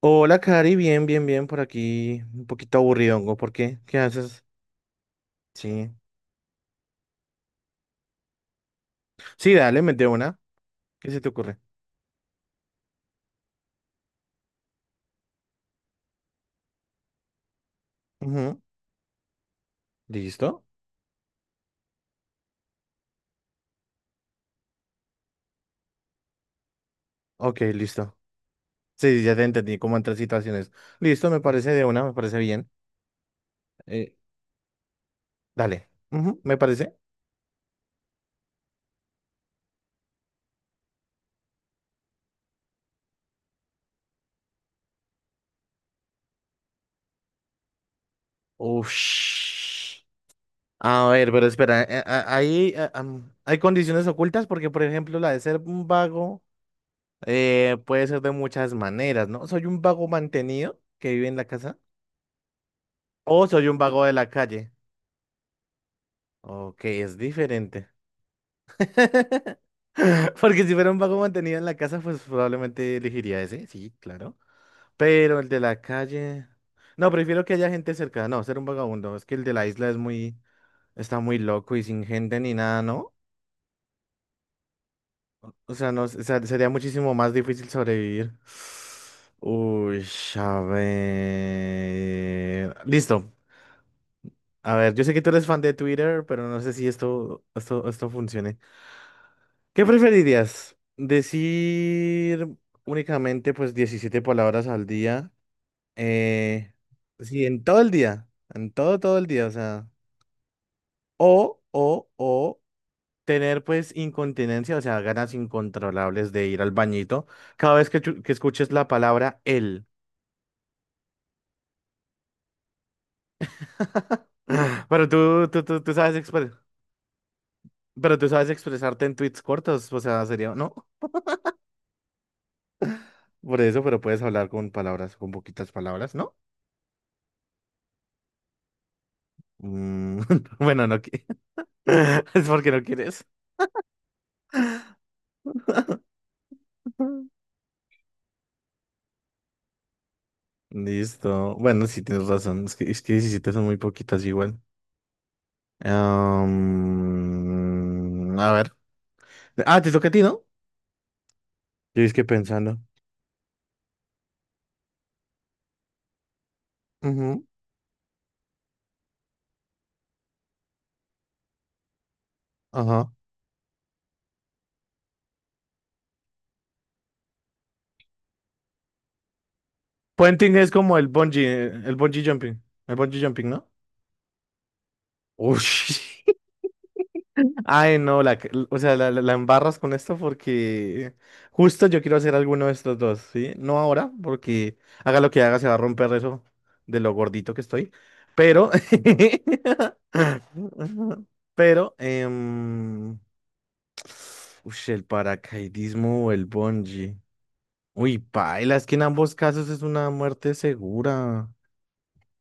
Hola, Cari, bien, bien, bien, por aquí. Un poquito aburridongo, ¿por qué? ¿Qué haces? Sí. Sí, dale, mete una. ¿Qué se te ocurre? Ujú. Ok, listo. Sí, sí, ya te entendí cómo entran situaciones. Listo, me parece de una, me parece bien. Eh, Dale. Ujú, ¿me parece? Ush. A ver, pero espera, ahí hay condiciones ocultas porque, por ejemplo, la de ser un vago puede ser de muchas maneras, ¿no? Soy un vago mantenido que vive en la casa o soy un vago de la calle. Ok, es diferente. Porque si fuera un vago mantenido en la casa, pues probablemente elegiría ese, sí, claro. Pero el de la calle. No, prefiero que haya gente cerca. No, ser un vagabundo. Es que el de la isla es muy. Está muy loco y sin gente ni nada, ¿no? O sea, no, o sea, sería muchísimo más difícil sobrevivir. Uy, a ver. Listo. A ver, yo sé que tú eres fan de Twitter, pero no sé si esto funcione. ¿Qué preferirías? ¿Decir únicamente pues 17 palabras al día? Eh, sí, en todo el día, en todo el día, o sea, o tener pues incontinencia, o sea, ganas incontrolables de ir al bañito cada vez que, que escuches la palabra él. Ah, Pero tú sabes pero tú sabes expresarte en tweets cortos, o sea, sería, ¿no? Por eso, pero puedes hablar con palabras, con poquitas palabras, ¿no? Mm, bueno, no. Es porque no quieres. Listo. Bueno, sí tienes razón. Es que 17 son muy poquitas igual. Am, a ver. Ah, te toca a ti, ¿no? Yo es que pensando. Ujú. Ajá. Puenting es como el bungee jumping. El bungee jumping, ¿no? Ush. Ay, no, o sea, la embarras con esto porque justo yo quiero hacer alguno de estos dos, ¿sí? No ahora, porque haga lo que haga, se va a romper eso de lo gordito que estoy. Pero, pero, ush, el paracaidismo o el bungee. Uy, paila, es que en ambos casos es una muerte segura.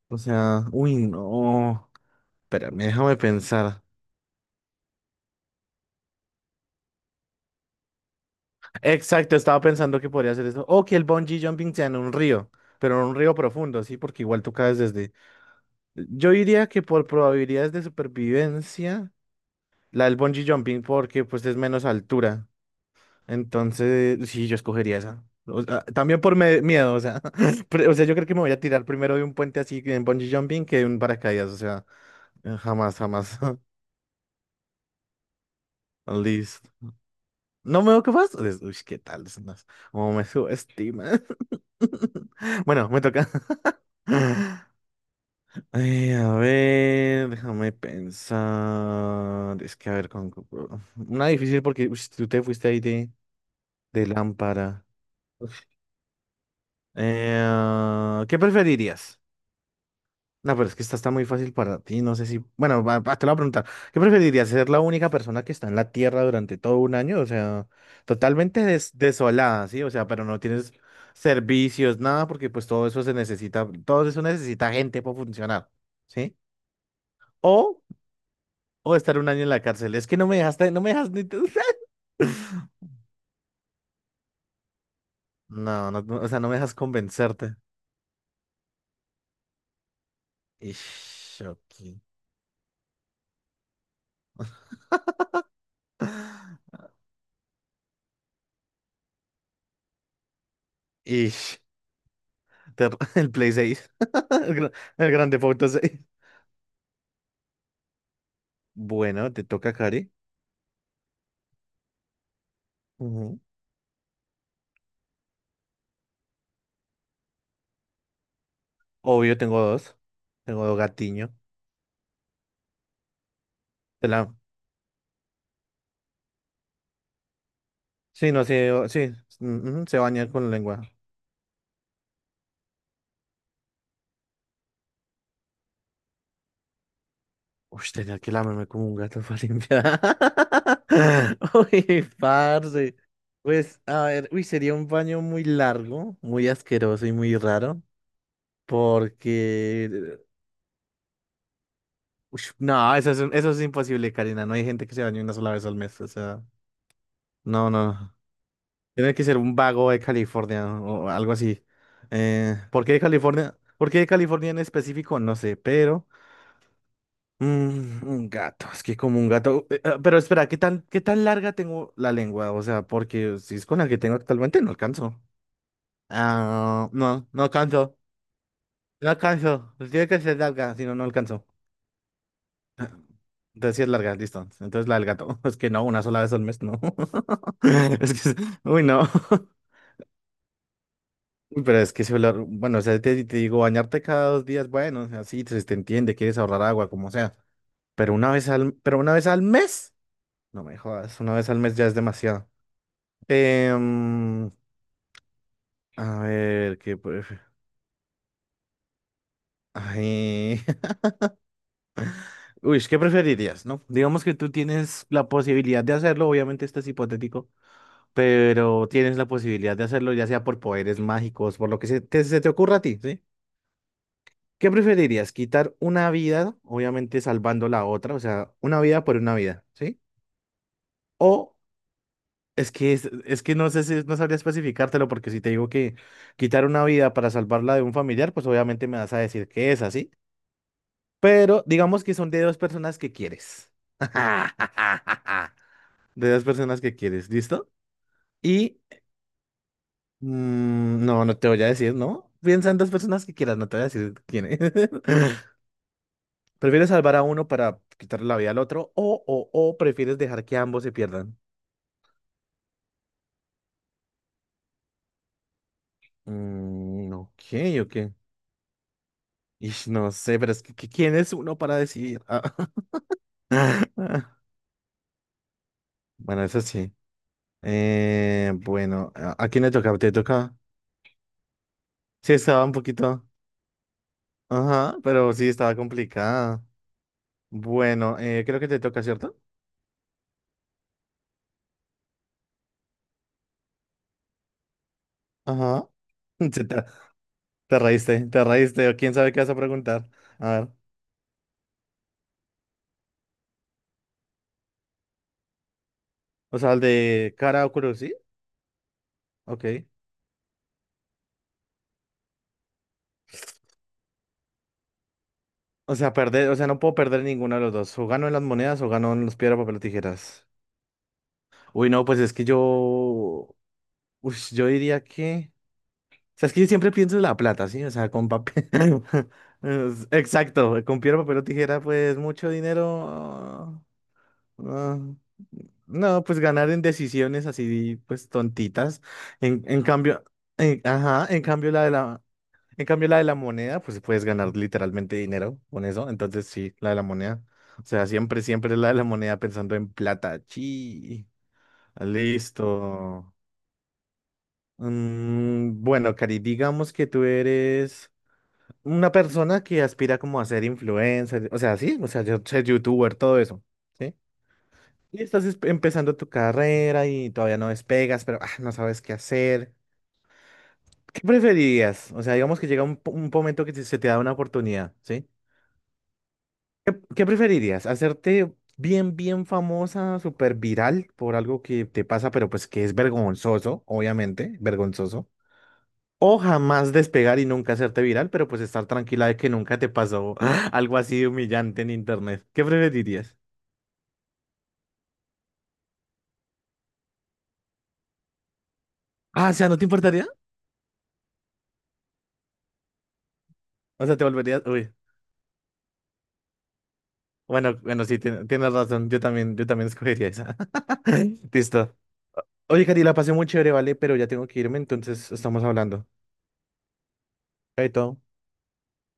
O sea, uy, no. Espérame, déjame pensar. Exacto, estaba pensando que podría hacer eso. O que el bungee jumping sea en un río, pero en un río profundo, sí, porque igual tú caes desde. Yo diría que por probabilidades de supervivencia, la del bungee jumping, porque pues es menos altura. Entonces, sí, yo escogería esa. O sea, también por miedo, o sea, o sea, yo creo que me voy a tirar primero de un puente así en bungee jumping que de un paracaídas, o sea, jamás, jamás. Listo. No me veo capaz. Uy, ¿qué tal? Es más, ¿cómo me subestima. Bueno, me toca. Ay, a ver, déjame pensar. Es que a ver, con... una difícil porque uy, tú te fuiste ahí de lámpara. Uf. ¿Qué preferirías? No, pero es que esta está muy fácil para ti. No sé si. Bueno, va, te lo voy a preguntar. ¿Qué preferirías? ¿Ser la única persona que está en la Tierra durante todo un año? O sea, totalmente desolada, ¿sí? O sea, pero no tienes servicios, nada, porque pues todo eso se necesita. Todo eso necesita gente para funcionar, ¿sí? O O estar un año en la cárcel. Es que no me dejaste, no me dejas ni... te- No, no, no, o sea, no me dejas convencerte. Ish, ok. Ish, te- el Play seis. El, gran- el Grande Foto seis. Bueno, te toca, Cari. Ujú. Obvio, tengo dos. Tengo dos gatiños. Te la... Sí, no, sí, sí. Mm, ujú, se baña con lengua. Uy, tenía que lamerme como un gato para limpiar. Uy, parce. Pues, a ver, uy, sería un baño muy largo, muy asqueroso y muy raro, porque... Uy, no, eso es, eso es imposible, Karina. No hay gente que se bañe una sola vez al mes. O sea, no, no. Tiene que ser un vago de California o algo así. ¿Por qué de California? ¿Por qué de California en específico? No sé, pero... Mm, un gato, es que como un gato. Pero espera, ¿qué tan larga tengo la lengua? O sea, porque si es con la que tengo actualmente, no alcanzo. Ah, no, no alcanzo. No alcanzo. Pues tiene que ser larga, si no, no alcanzo. Entonces sí es larga, listo. Entonces la del gato. Es que no, una sola vez al mes, no. Es que, es- uy, no. Uy, pero es que si hablar, bueno, o sea, te digo, bañarte cada dos días, bueno, o sea, sí, se te entiende, quieres ahorrar agua, como sea. Pero una vez al mes, no me jodas, una vez al mes ya es demasiado. Em, a ver, ¿qué prefieres? Ay. Uy, ¿qué preferirías, no? Digamos que tú tienes la posibilidad de hacerlo, obviamente esto es hipotético, pero tienes la posibilidad de hacerlo ya sea por poderes mágicos, por lo que se te ocurra a ti, ¿sí? ¿Qué preferirías? ¿Quitar una vida, obviamente salvando la otra, o sea, una vida por una vida, ¿sí? O es que, es que no sé si no sabría especificártelo, porque si te digo que quitar una vida para salvarla de un familiar, pues obviamente me vas a decir que es así. Pero digamos que son de dos personas que quieres. De dos personas que quieres, ¿listo? Y mm, no, no te voy a decir, ¿no? Piensa en dos personas que quieras, no te voy a decir quién es. ¿Prefieres salvar a uno para quitarle la vida al otro o prefieres dejar que ambos se pierdan? Mm, ok, ok. Ish, no sé, pero es que ¿quién es uno para decidir? Ah, ah, bueno, eso sí. Bueno, a quién le toca? ¿Te toca? Sí, estaba un poquito. Ajá, pero sí estaba complicada. Bueno, creo que te toca, ¿cierto? Ajá. Sí, te reíste, te reíste. ¿O quién sabe qué vas a preguntar? A ver. O sea, el de cara o cruz, ¿sí? Ok. O sea, perder, o sea, no puedo perder ninguno de los dos. O gano en las monedas o gano en los piedra, papel o tijeras. Uy, no, pues es que yo. Uy, yo diría que. O sea, es que yo siempre pienso en la plata, ¿sí? O sea, con papel. Exacto, con piedra, papel o tijera, pues mucho dinero. Ah, no, pues ganar en decisiones así, pues tontitas. En cambio, ajá, en cambio en cambio la de la moneda, pues puedes ganar literalmente dinero con eso. Entonces sí, la de la moneda. O sea, siempre la de la moneda pensando en plata. Chi. Listo. Mm, bueno, Cari, digamos que tú eres una persona que aspira como a ser influencer, o sea, sí, o sea, yo ser youtuber, todo eso. ¿Sí? Y estás empezando tu carrera y todavía no despegas, pero ah, no sabes qué hacer. ¿Qué preferirías? O sea, digamos que llega un, un momento que se te da una oportunidad, ¿sí? ¿Qué preferirías? ¿Hacerte bien, bien famosa, súper viral por algo que te pasa, pero pues que es vergonzoso, obviamente, vergonzoso? ¿O jamás despegar y nunca hacerte viral, pero pues estar tranquila de que nunca te pasó algo así de humillante en internet? ¿Qué preferirías? Ah, o sea, ¿no te importaría? O sea, te volverías... uy. Bueno, bueno, sí, tienes razón. Yo también escogería esa. Listo. Oye, Cari, la pasé muy chévere, ¿vale? Pero ya tengo que irme, entonces estamos hablando. Chaito.